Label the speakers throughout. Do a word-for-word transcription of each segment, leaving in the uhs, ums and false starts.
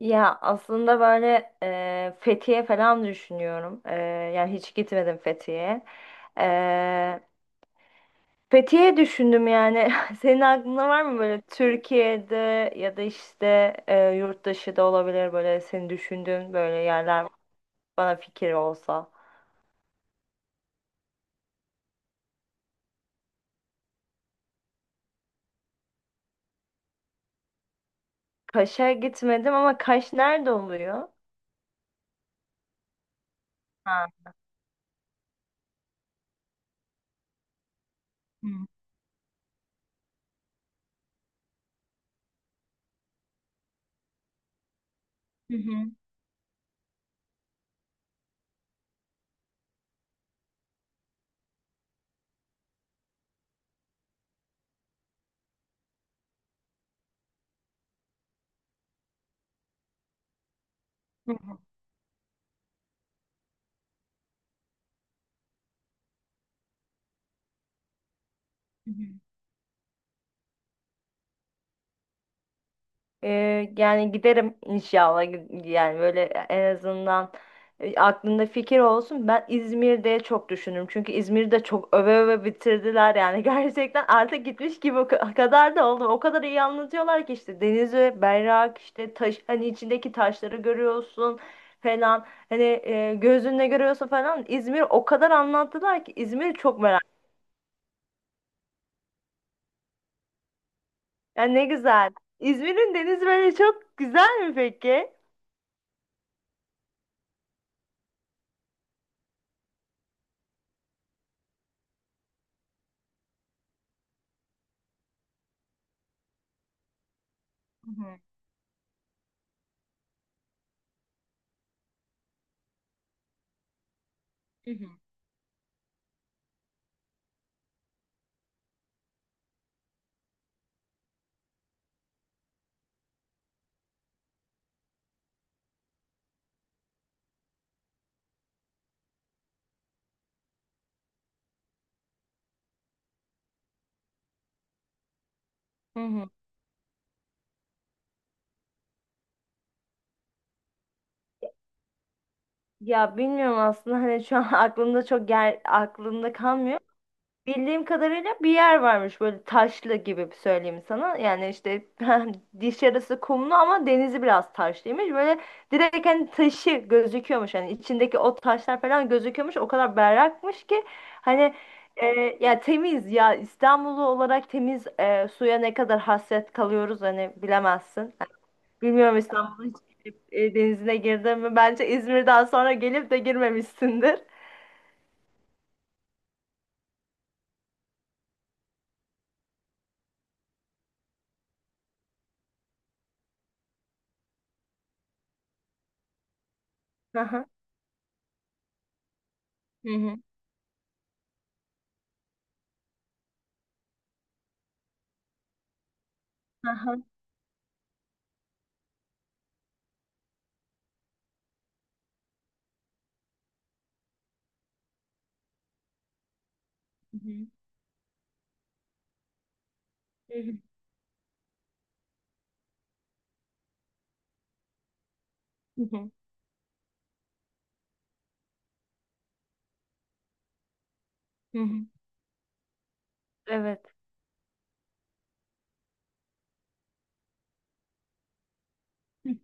Speaker 1: Ya aslında böyle e, Fethiye falan düşünüyorum. E, yani hiç gitmedim Fethiye'ye. E, Fethiye düşündüm yani. Senin aklında var mı böyle Türkiye'de ya da işte e, yurt dışı da olabilir böyle senin düşündüğün böyle yerler bana fikir olsa. Kaş'a gitmedim ama Kaş nerede oluyor? Ha. Hı. Hı hı. Hı hı. Hı. Ee, yani giderim inşallah yani böyle en azından e, aklında fikir olsun. Ben İzmir'de çok düşünürüm. Çünkü İzmir'de çok öve öve bitirdiler yani gerçekten artık gitmiş gibi o ka- kadar da oldu. O kadar iyi anlatıyorlar ki işte denizi, berrak işte taş hani içindeki taşları görüyorsun falan. Hani e, gözünle görüyorsun falan. İzmir o kadar anlattılar ki İzmir'i çok merak. Yani ne güzel. İzmir'in denizi böyle çok güzel mi peki? Hı hı. Hı hı. Hı hı. Ya bilmiyorum aslında hani şu an aklımda çok yer aklımda kalmıyor. Bildiğim kadarıyla bir yer varmış böyle taşlı gibi bir söyleyeyim sana. Yani işte diş yarısı kumlu ama denizi biraz taşlıymış. Böyle direkt hani taşı gözüküyormuş. Hani içindeki o taşlar falan gözüküyormuş. O kadar berrakmış ki hani e, ya temiz ya İstanbullu olarak temiz e, suya ne kadar hasret kalıyoruz hani bilemezsin. Bilmiyorum İstanbul'un hiç gelip, e, denizine girdin mi? Bence İzmir'den sonra gelip de girmemişsindir. Hı hı. Hı hı. Hı hı. Hı hı. Hı hı. Hı hı. Hı hı. Evet. Hı hı.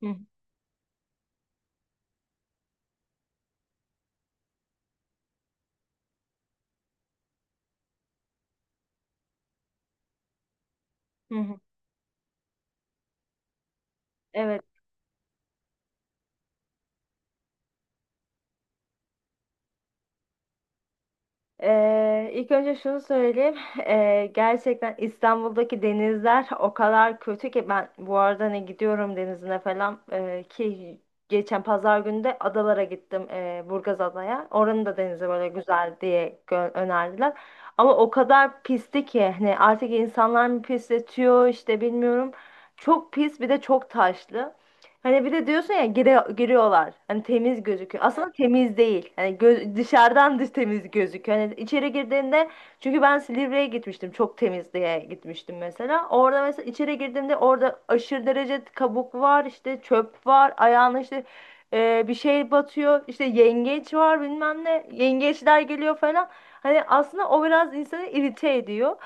Speaker 1: Hı hı. Hı hı. Evet. Ee, ilk önce şunu söyleyeyim. Ee, gerçekten İstanbul'daki denizler o kadar kötü ki ben bu arada ne gidiyorum denizine falan ee, ki geçen pazar günü de adalara gittim ee, Burgaz Adaya. Oranın da denizi böyle güzel diye gö- önerdiler. Ama o kadar pisti ki hani artık insanlar mı pisletiyor işte bilmiyorum. Çok pis bir de çok taşlı. Hani bir de diyorsun ya gire- giriyorlar. Hani temiz gözüküyor. Aslında temiz değil. Hani gö- dışarıdan dış temiz gözüküyor. Hani içeri girdiğinde çünkü ben Silivri'ye gitmiştim. Çok temiz diye gitmiştim mesela. Orada mesela içeri girdiğimde orada aşırı derece kabuk var, işte çöp var, ayağına işte e, bir şey batıyor. İşte yengeç var bilmem ne. Yengeçler geliyor falan. Hani aslında o biraz insanı irite ediyor.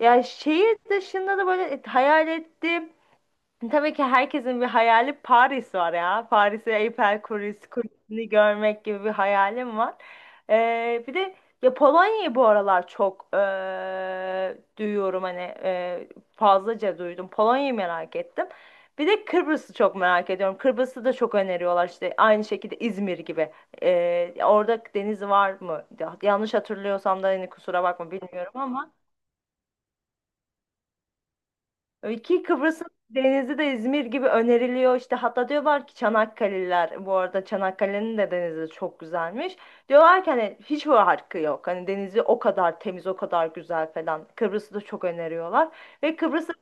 Speaker 1: Ya şehir dışında da böyle hayal ettiğim. Tabii ki herkesin bir hayali Paris var ya. Paris'i Eiffel Kulesi- Kulesi'ni görmek gibi bir hayalim var. Ee, bir de ya Polonya'yı bu aralar çok ee, duyuyorum hani ee, fazlaca duydum. Polonya'yı merak ettim. Bir de Kıbrıs'ı çok merak ediyorum. Kıbrıs'ı da çok öneriyorlar işte aynı şekilde İzmir gibi. Ee, orada deniz var mı? Ya- Yanlış hatırlıyorsam da hani kusura bakma bilmiyorum ama. Öyle ki Kıbrıs'ın denizi de İzmir gibi öneriliyor. İşte hatta diyorlar ki Çanakkale'liler bu arada Çanakkale'nin de denizi çok güzelmiş. Diyorlar ki hani hiç bu yok. Hani denizi o kadar temiz, o kadar güzel falan. Kıbrıs'ı da çok öneriyorlar. Ve Kıbrıs'ı...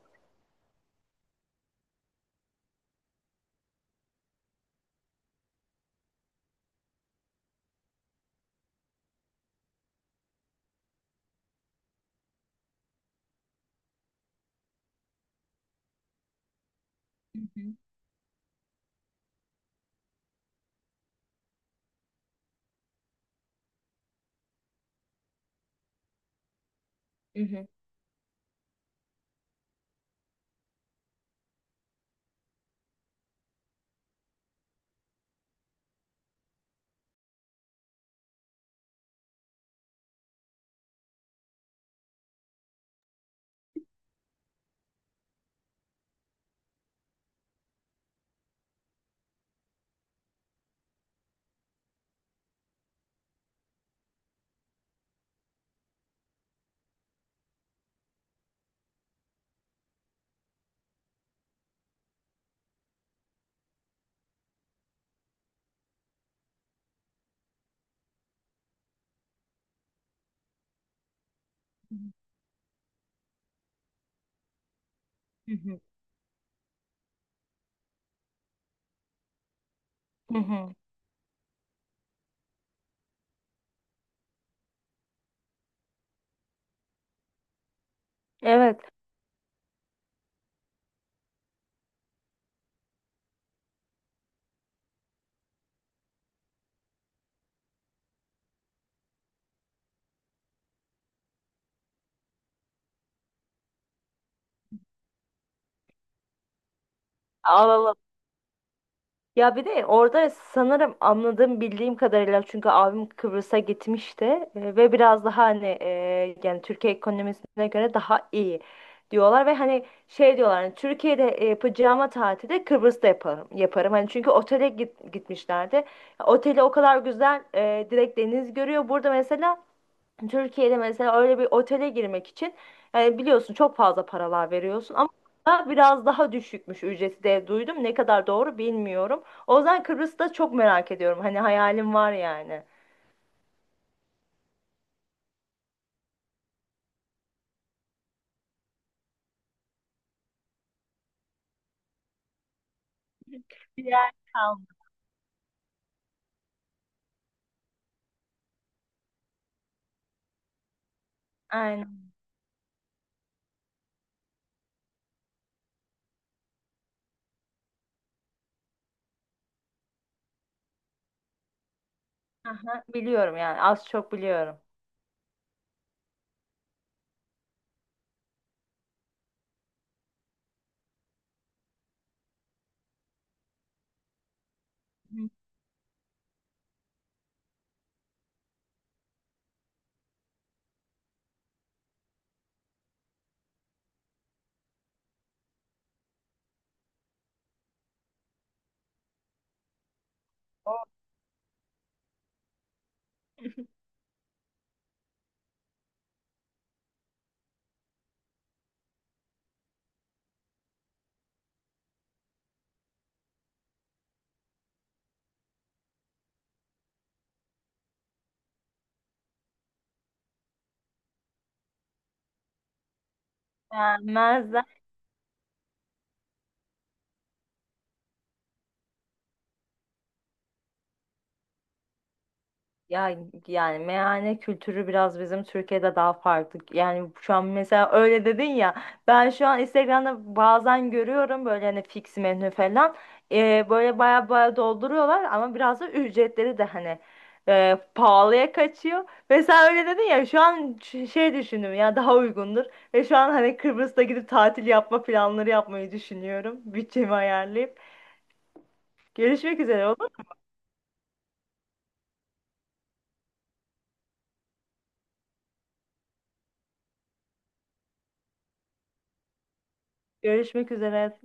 Speaker 1: Hı hı. Hı hı. Hı hı. Hı hı. Evet. Alalım. Ya bir de orada sanırım anladığım bildiğim kadarıyla çünkü abim Kıbrıs'a gitmişti, e, ve biraz daha hani e, yani Türkiye ekonomisine göre daha iyi diyorlar ve hani şey diyorlar hani Türkiye'de yapacağıma tatili Kıbrıs'ta yaparım yaparım hani çünkü otele git, gitmişlerdi oteli o kadar güzel, e, direkt deniz görüyor burada mesela. Türkiye'de mesela öyle bir otele girmek için yani biliyorsun çok fazla paralar veriyorsun ama burada biraz daha düşükmüş ücreti de duydum. Ne kadar doğru bilmiyorum. O yüzden Kıbrıs'ta çok merak ediyorum. Hani hayalim var yani. Bir yer kaldı. Aynen. Aha, biliyorum yani az çok biliyorum. Hı. O. Beğenmezler. Ya yani meyhane kültürü biraz bizim Türkiye'de daha farklı. Yani şu an mesela öyle dedin ya. Ben şu an Instagram'da bazen görüyorum böyle hani fix menü falan. Ee, böyle baya baya dolduruyorlar ama biraz da ücretleri de hani e, pahalıya kaçıyor. Mesela öyle dedin ya şu an ş- şey düşündüm ya daha uygundur. Ve şu an hani Kıbrıs'ta gidip tatil yapma planları yapmayı düşünüyorum. Bütçemi ayarlayıp. Görüşmek üzere olur. mu? Görüşmek üzere.